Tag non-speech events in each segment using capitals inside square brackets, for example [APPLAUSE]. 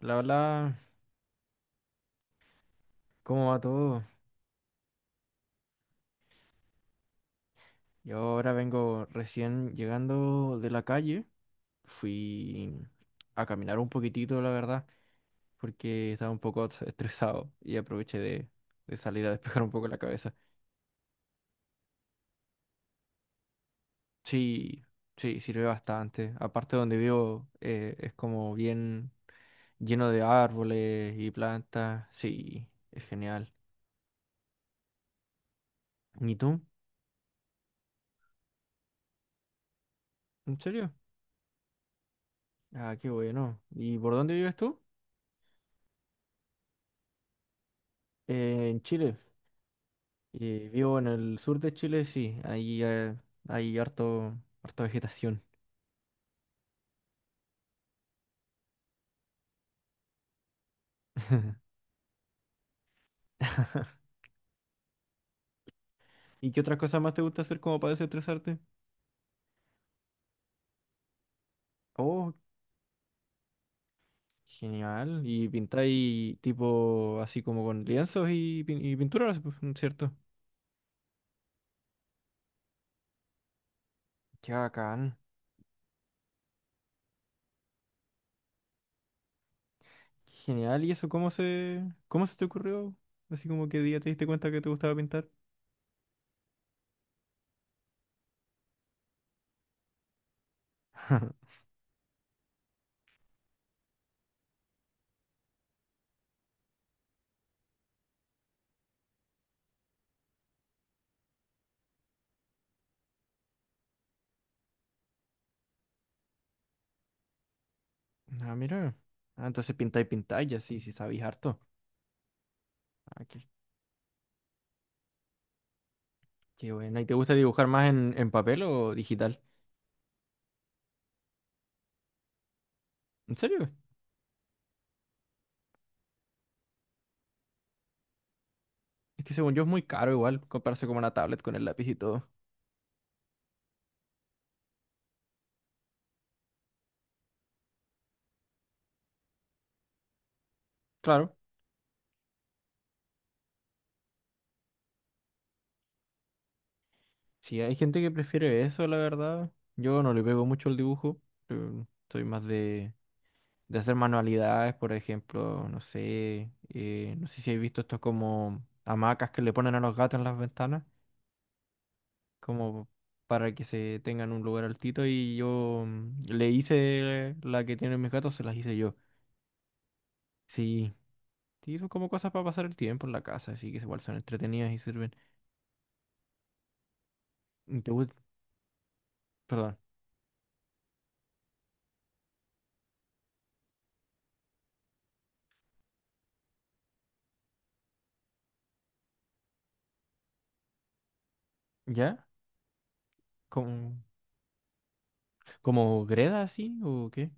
Hola, hola, ¿cómo va todo? Yo ahora vengo recién llegando de la calle. Fui a caminar un poquitito, la verdad, porque estaba un poco [LAUGHS] estresado y aproveché de salir a despejar un poco la cabeza. Sí, sí, sirve bastante. Aparte donde vivo es como bien lleno de árboles y plantas. Sí, es genial. ¿Y tú? ¿En serio? Ah, qué bueno. ¿Y por dónde vives tú? En Chile. Vivo en el sur de Chile, sí, ahí hay harta vegetación. [LAUGHS] ¿Y qué otras cosas más te gusta hacer como para desestresarte? Oh, genial. ¿Y pintáis tipo así como con lienzos y pinturas, pues, cierto? Qué bacán. Qué genial. ¿Y eso cómo se te ocurrió? Así como qué día te diste cuenta que te gustaba pintar. [LAUGHS] Ah, mira. Ah, entonces pintáis, pintáis, ya sí, sí sabéis harto. Ah, qué bueno. ¿Y te gusta dibujar más en papel o digital? ¿En serio? Es que según yo es muy caro igual comprarse como una tablet con el lápiz y todo. Claro. Si hay gente que prefiere eso, la verdad. Yo no le pego mucho el dibujo. Pero soy más de hacer manualidades, por ejemplo, no sé. No sé si habéis visto estos como hamacas que le ponen a los gatos en las ventanas, como para que se tengan un lugar altito. Y yo le hice la que tienen mis gatos, se las hice yo. Sí, sí, son como cosas para pasar el tiempo en la casa, así que igual son entretenidas y sirven. ¿Y te gusta? ¿Ya? ¿Como, como Greda así o qué?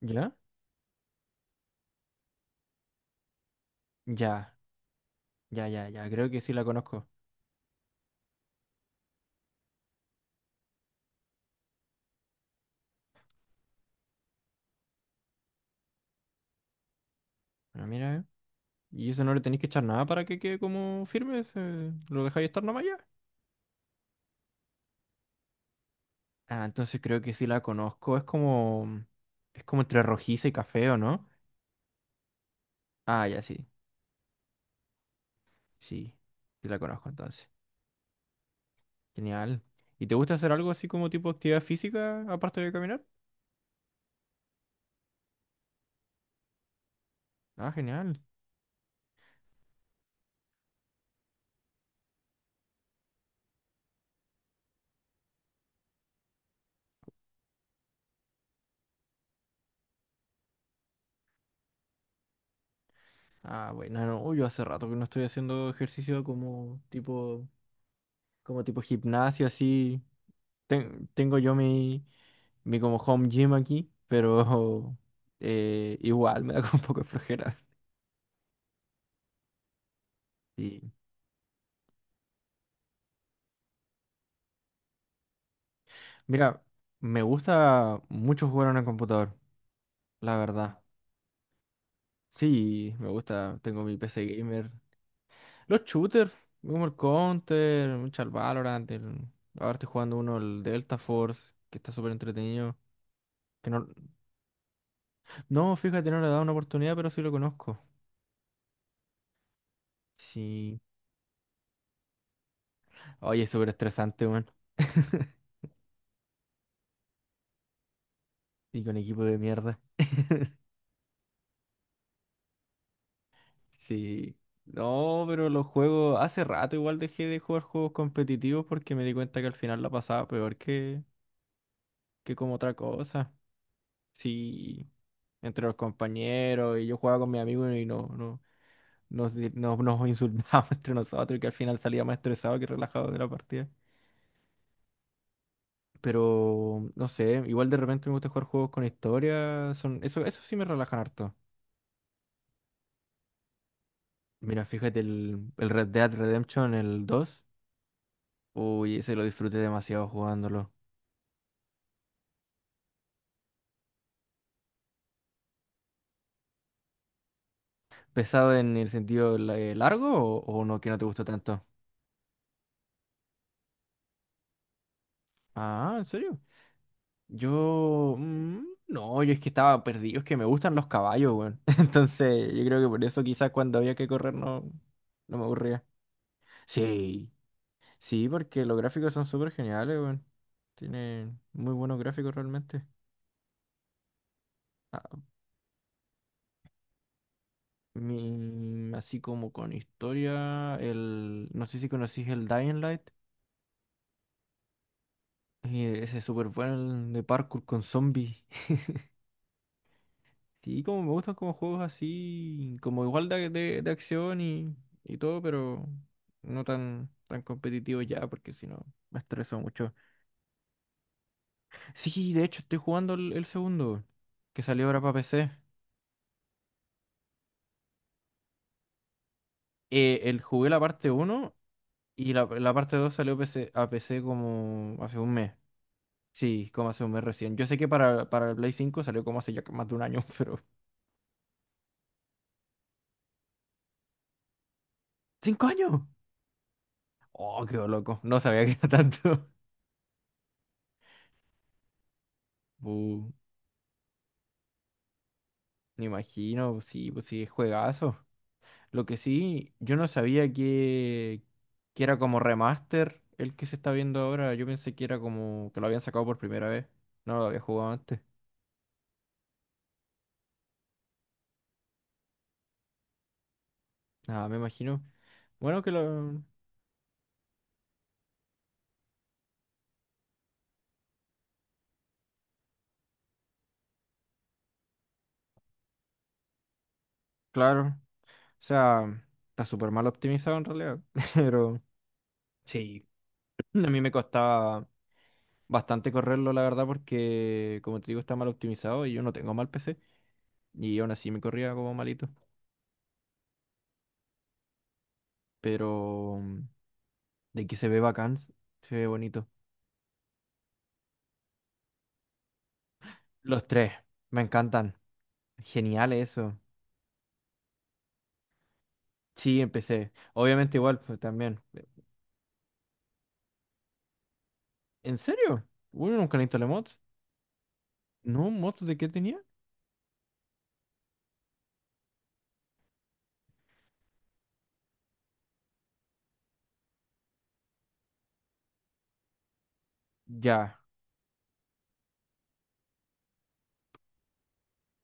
¿Ya? Ya, ya, ya, ya. Creo que sí la conozco. Bueno, mira. ¿Y eso no le tenéis que echar nada para que quede como firme? ¿Lo dejáis estar nomás ya? Ah, entonces creo que sí la conozco. Es como. Es como entre rojiza y café, ¿o no? Ah, ya sí. Sí. Sí la conozco entonces. Genial. ¿Y te gusta hacer algo así como tipo actividad física aparte de caminar? Ah, genial. Ah, bueno, no, yo hace rato que no estoy haciendo ejercicio como tipo gimnasio, así. Tengo yo mi como home gym aquí, pero [LAUGHS] igual me da como un poco de flojera. Sí. Mira, me gusta mucho jugar en el computador, la verdad. Sí, me gusta, tengo mi PC gamer. Los shooters, como el Counter, mucho el Valorant. Ahora estoy jugando uno, el Delta Force, que está súper entretenido. Que no, no, fíjate, no le he dado una oportunidad, pero sí lo conozco. Sí. Oye, es súper estresante, weón. [LAUGHS] Y con equipo de mierda. Sí. No, pero los juegos. Hace rato igual dejé de jugar juegos competitivos porque me di cuenta que al final la pasaba peor que como otra cosa. Sí. Entre los compañeros y yo jugaba con mis amigos y no, no, nos insultábamos [LAUGHS] entre nosotros y que al final salía más estresado que relajado de la partida. Pero no sé, igual de repente me gusta jugar juegos con historia. Eso sí me relajan harto. Mira, fíjate, el, Red Dead Redemption, el 2, uy, ese lo disfruté demasiado jugándolo. ¿Pesado en el sentido largo o no, que no te gustó tanto? Ah, ¿en serio? Yo, mm, no, yo es que estaba perdido, es que me gustan los caballos, weón. [LAUGHS] Entonces, yo creo que por eso quizás cuando había que correr no me aburría. Sí, sí, porque los gráficos son súper geniales, weón. Tienen muy buenos gráficos realmente. Ah, así como con historia, no sé si conocís el Dying Light, ese es súper bueno el de parkour con zombies. [LAUGHS] Sí, como me gustan como juegos así, como igual de acción y todo, pero no tan, tan competitivo ya, porque si no me estreso mucho. Sí, de hecho estoy jugando el segundo, que salió ahora para PC. Jugué la parte uno y la parte 2 salió a PC como hace un mes. Sí, como hace un mes recién. Yo sé que para el Play 5 salió como hace ya más de un año, [LAUGHS] pero... ¡5 años! Oh, qué loco. No sabía que era tanto. [LAUGHS] Uh, me imagino, sí, pues sí, es juegazo. Lo que sí, yo no sabía que era como remaster el que se está viendo ahora. Yo pensé que era como que lo habían sacado por primera vez. No lo había jugado antes. Ah, me imagino. Bueno, que lo... Claro. O sea, está súper mal optimizado en realidad. [LAUGHS] Pero sí, a mí me costaba... bastante correrlo, la verdad, porque como te digo, está mal optimizado y yo no tengo mal PC. Y aún así me corría como malito. Pero de que se ve bacán, se ve bonito. Los tres, me encantan. Genial eso. Sí, empecé. Obviamente igual, pues también. ¿En serio? Bueno, nunca le instalé mods. ¿No? ¿Mods de qué tenía? Ya,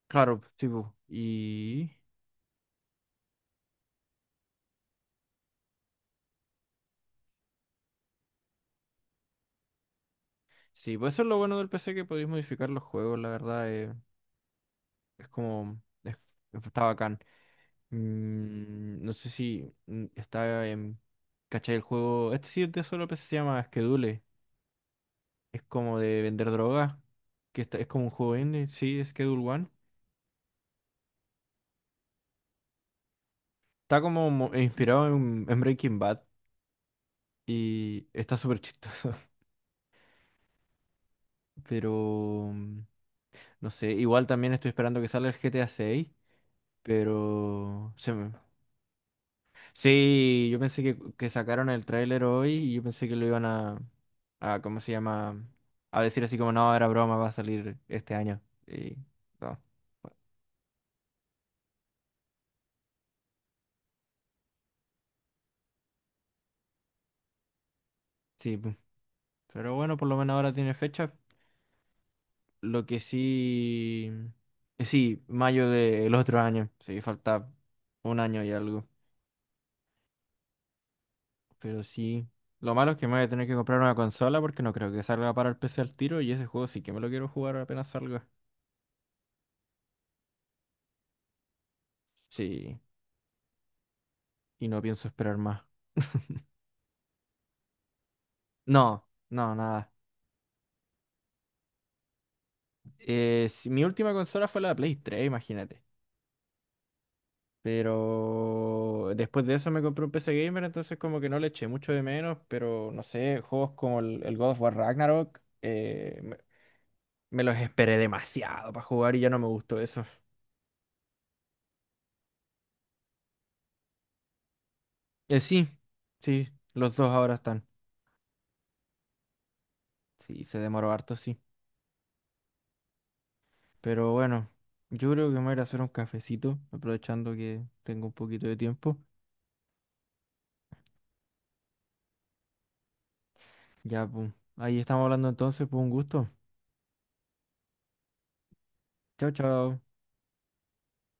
claro, sí, pu. Y... Sí, pues eso es lo bueno del PC, que podéis modificar los juegos, la verdad. Es como... es- está bacán. No sé si está en... ¿Cachai el juego? Este sí es de solo PC, se llama Schedule. Es como de vender droga. Que es como un juego indie, sí, Schedule One. Está como inspirado en Breaking Bad y está súper chistoso. [LAUGHS] Pero no sé, igual también estoy esperando que salga el GTA seis pero se me, Sí, yo pensé que sacaron el tráiler hoy y yo pensé que lo iban a, ¿cómo se llama? A decir así como, no, era broma, va a salir este año. Y, no. Bueno, sí, pu. Pero bueno, por lo menos ahora tiene fecha. Lo que sí, sí, mayo del otro año. Sí, falta un año y algo. Pero sí, lo malo es que me voy a tener que comprar una consola porque no creo que salga para el PC al tiro y ese juego sí que me lo quiero jugar apenas salga. Sí, y no pienso esperar más. No, no, nada. Mi última consola fue la Play 3, imagínate. Pero después de eso me compré un PC Gamer, entonces como que no le eché mucho de menos, pero no sé, juegos como el, God of War Ragnarok, me los esperé demasiado para jugar y ya no me gustó eso. Sí, sí, los dos ahora están. Sí, se demoró harto, sí. Pero bueno, yo creo que me voy a ir a hacer un cafecito, aprovechando que tengo un poquito de tiempo. Ya, pum. Ahí estamos hablando entonces, pues un gusto. Chao, chao.